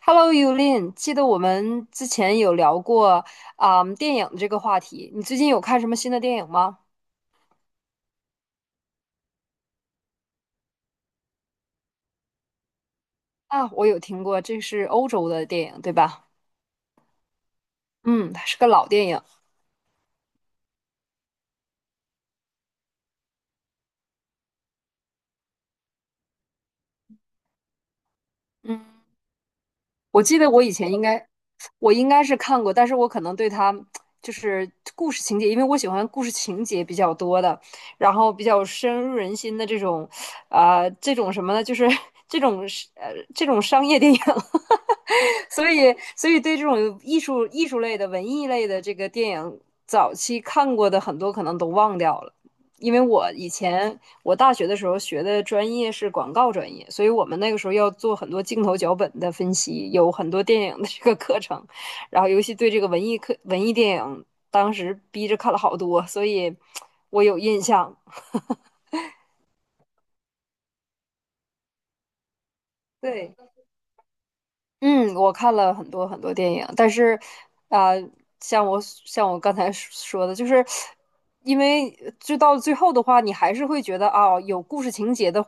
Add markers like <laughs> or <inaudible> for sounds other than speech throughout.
Hello, Yulin，记得我们之前有聊过电影这个话题。你最近有看什么新的电影吗？啊，我有听过，这是欧洲的电影，对吧？嗯，它是个老电影。嗯。我记得我以前应该，我应该是看过，但是我可能对它就是故事情节，因为我喜欢故事情节比较多的，然后比较深入人心的这种，这种什么呢？就是 <laughs> 这种是这种商业电影，<laughs> 所以对这种艺术类的、文艺类的这个电影，早期看过的很多可能都忘掉了。因为我以前我大学的时候学的专业是广告专业，所以我们那个时候要做很多镜头脚本的分析，有很多电影的这个课程，然后尤其对这个文艺课、文艺电影，当时逼着看了好多，所以我有印象。<laughs> 对，嗯，我看了很多很多电影，但是，啊、像我刚才说的，就是因为就到最后的话，你还是会觉得有故事情节的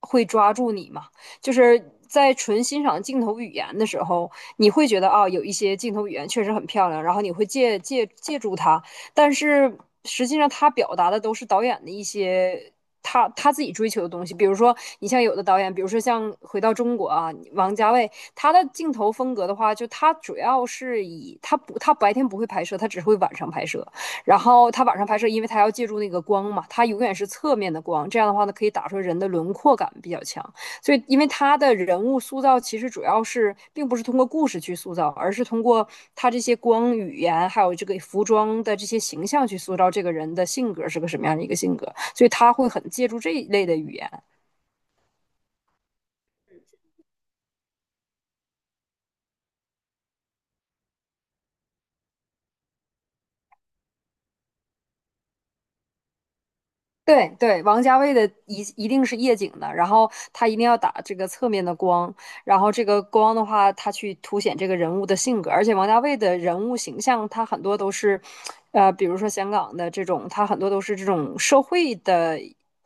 会抓住你嘛。就是在纯欣赏镜头语言的时候，你会觉得有一些镜头语言确实很漂亮，然后你会借助它，但是实际上他表达的都是导演的一些他自己追求的东西，比如说你像有的导演，比如说像回到中国啊，王家卫他的镜头风格的话，就他主要是以他白天不会拍摄，他只会晚上拍摄，然后他晚上拍摄，因为他要借助那个光嘛，他永远是侧面的光，这样的话呢可以打出人的轮廓感比较强。所以，因为他的人物塑造其实主要是并不是通过故事去塑造，而是通过他这些光、语言，还有这个服装的这些形象去塑造这个人的性格是个什么样的一个性格。所以他会很借助这一类的语言，对对，王家卫的一定是夜景的，然后他一定要打这个侧面的光，然后这个光的话，他去凸显这个人物的性格，而且王家卫的人物形象，他很多都是，比如说香港的这种，他很多都是这种社会的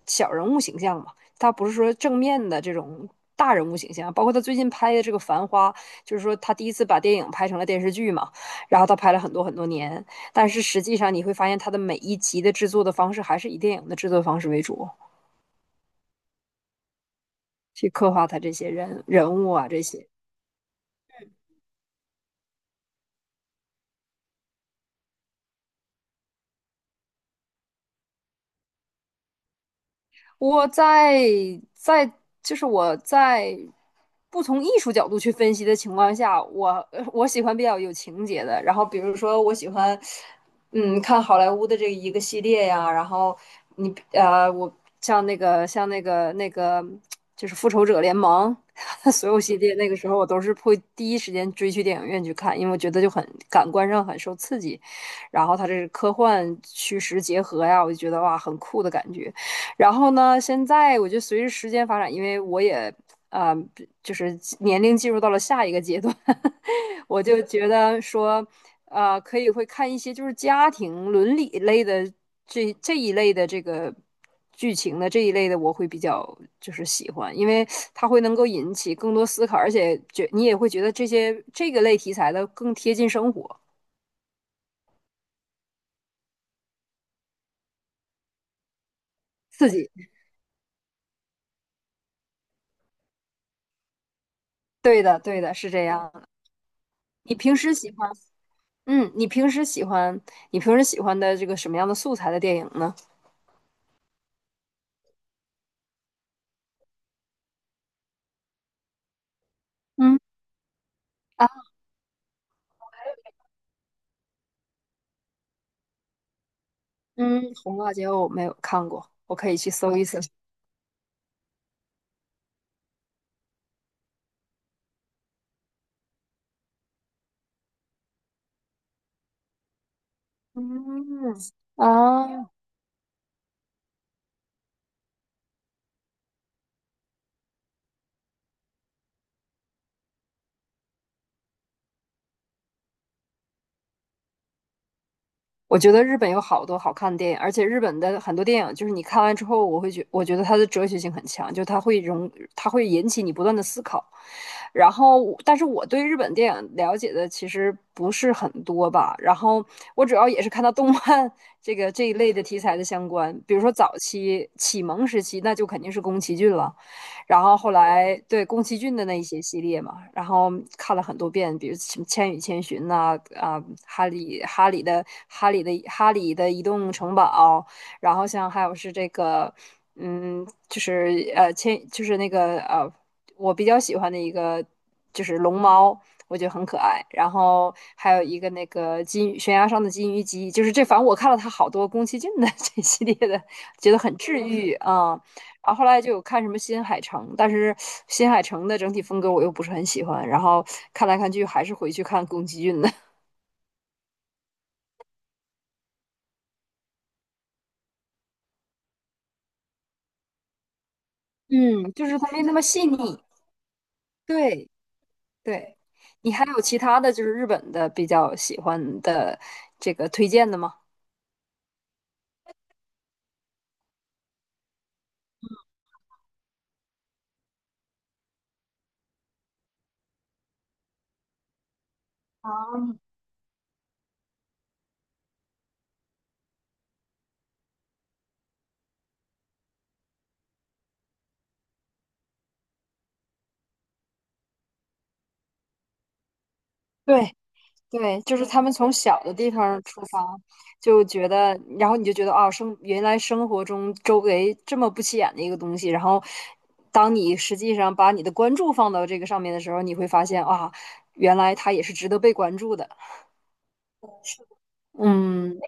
小人物形象嘛，他不是说正面的这种大人物形象，包括他最近拍的这个《繁花》，就是说他第一次把电影拍成了电视剧嘛，然后他拍了很多很多年。但是实际上你会发现，它的每一集的制作的方式还是以电影的制作方式为主，去刻画它这些人物啊这些。我在在就是我在不从艺术角度去分析的情况下，我喜欢比较有情节的。然后比如说我喜欢，嗯，看好莱坞的这一个系列呀。然后我像那个像那个那个就是《复仇者联盟》<laughs> 所有系列，那个时候我都是会第一时间追去电影院去看，因为我觉得就很感官上很受刺激。然后它这是科幻虚实结合呀，我就觉得哇，很酷的感觉。然后呢，现在我觉得随着时间发展，因为我也呃，就是年龄进入到了下一个阶段，<laughs> 我就觉得说，可以会看一些就是家庭伦理类的这一类的这个剧情的这一类的，我会比较就是喜欢，因为它会能够引起更多思考，而且觉你也会觉得这些这个类题材的更贴近生活，刺激。对的，对的，是这样。你平时喜欢？嗯，你平时喜欢的这个什么样的素材的电影呢？嗯。啊，嗯，《红辣椒》我没有看过，我可以去搜一搜。嗯。啊，我觉得日本有好多好看的电影，而且日本的很多电影，就是你看完之后，我觉得它的哲学性很强，就它会容，它会引起你不断的思考。然后，但是我对日本电影了解的其实不是很多吧。然后我主要也是看到动漫这一类的题材的相关，比如说早期启蒙时期，那就肯定是宫崎骏了。然后后来对宫崎骏的那一些系列嘛，然后看了很多遍，比如什么《千与千寻》呐，啊，哈利的移动城堡，然后像还有是这个，嗯，就是呃千就是那个呃，我比较喜欢的一个就是龙猫。我觉得很可爱，然后还有一个那个悬崖上的金鱼姬，就是这，反正我看了他好多宫崎骏的 <laughs> 这系列的，觉得很治愈。然后后来就有看什么新海诚，但是新海诚的整体风格我又不是很喜欢，然后看来看去还是回去看宫崎骏的。<laughs> 嗯，就是他没那么细腻。对对，你还有其他的就是日本的比较喜欢的这个推荐的吗？啊，对，对，就是他们从小的地方出发，就觉得，然后你就觉得哦，原来生活中周围这么不起眼的一个东西，然后当你实际上把你的关注放到这个上面的时候，你会发现啊，原来它也是值得被关注的。嗯，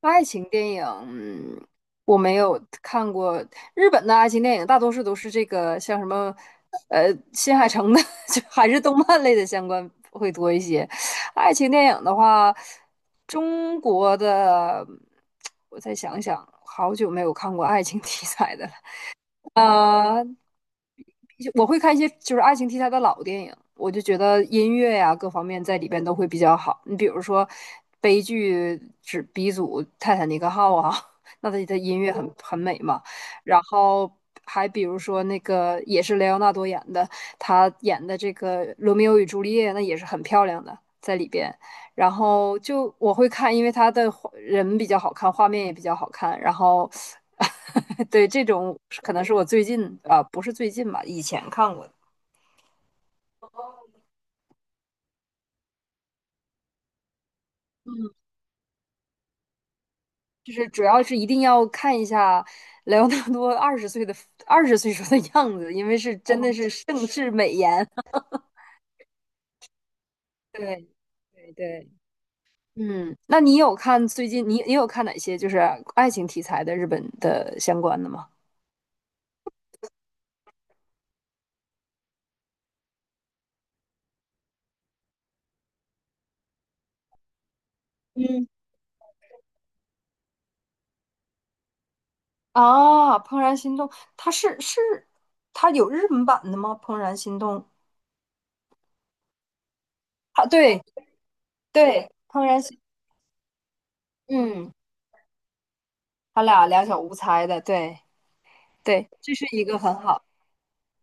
爱情电影，嗯，我没有看过日本的爱情电影，大多数都是这个像什么，新海诚的，<laughs> 就还是动漫类的相关会多一些。爱情电影的话，中国的，我再想想，好久没有看过爱情题材的了。啊、我会看一些就是爱情题材的老电影，我就觉得音乐呀、各方面在里边都会比较好。你比如说悲剧之鼻祖《泰坦尼克号》啊，<laughs> 那它的音乐很美嘛。然后还比如说那个也是莱昂纳多演的，他演的这个《罗密欧与朱丽叶》，那也是很漂亮的在里边。然后就我会看，因为他的画人比较好看，画面也比较好看。然后，<laughs> 对这种可能是我最近啊、呃不是最近吧，以前看过的。嗯，就是主要是一定要看一下莱昂纳多二十岁的二十岁时候的样子，因为是真的是盛世美颜。<laughs> 对对对，嗯，那你有看最近你有看哪些就是爱情题材的日本的相关的吗？嗯。啊，《怦然心动》，它是是它有日本版的吗？《怦然心动》啊，对对，《怦然心》，嗯，他俩两小无猜的，对对，这是一个很好，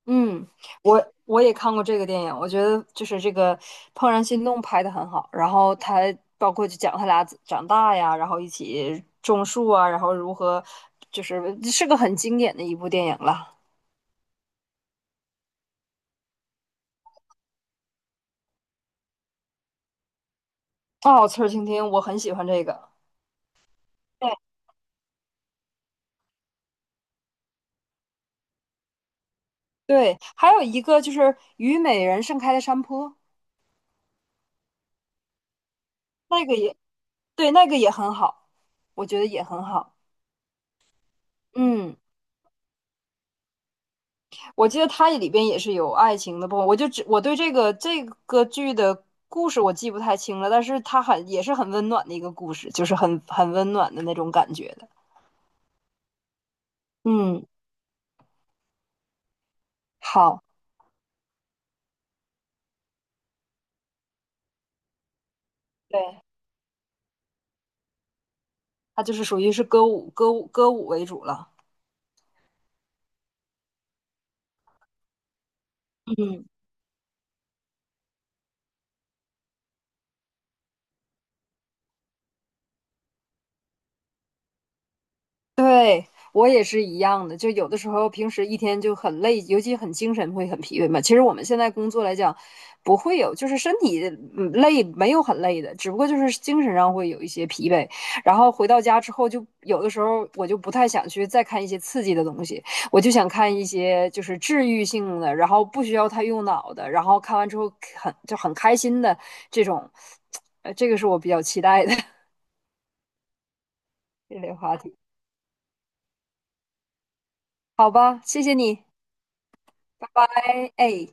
嗯，我也看过这个电影，我觉得就是这个《怦然心动》拍的很好，然后他包括就讲他俩怎长大呀，然后一起种树啊，然后如何，就是个很经典的一部电影了。哦，《刺儿倾听》，我很喜欢这个。对。对，还有一个就是虞美人盛开的山坡，那个也对，那个也很好，我觉得也很好。嗯，我记得它里边也是有爱情的部分，我就只我对这个剧的故事我记不太清了，但是它也是很温暖的一个故事，就是很温暖的那种感觉的。嗯，好，对，它就是属于是歌舞为主了。嗯。对，我也是一样的，就有的时候平时一天就很累，尤其很精神会很疲惫嘛。其实我们现在工作来讲，不会有，就是身体累没有很累的，只不过就是精神上会有一些疲惫。然后回到家之后就，有的时候我就不太想去再看一些刺激的东西，我就想看一些就是治愈性的，然后不需要太用脑的，然后看完之后就很开心的这种，这个是我比较期待的 <laughs> 这类话题。好吧，谢谢你。拜拜，哎。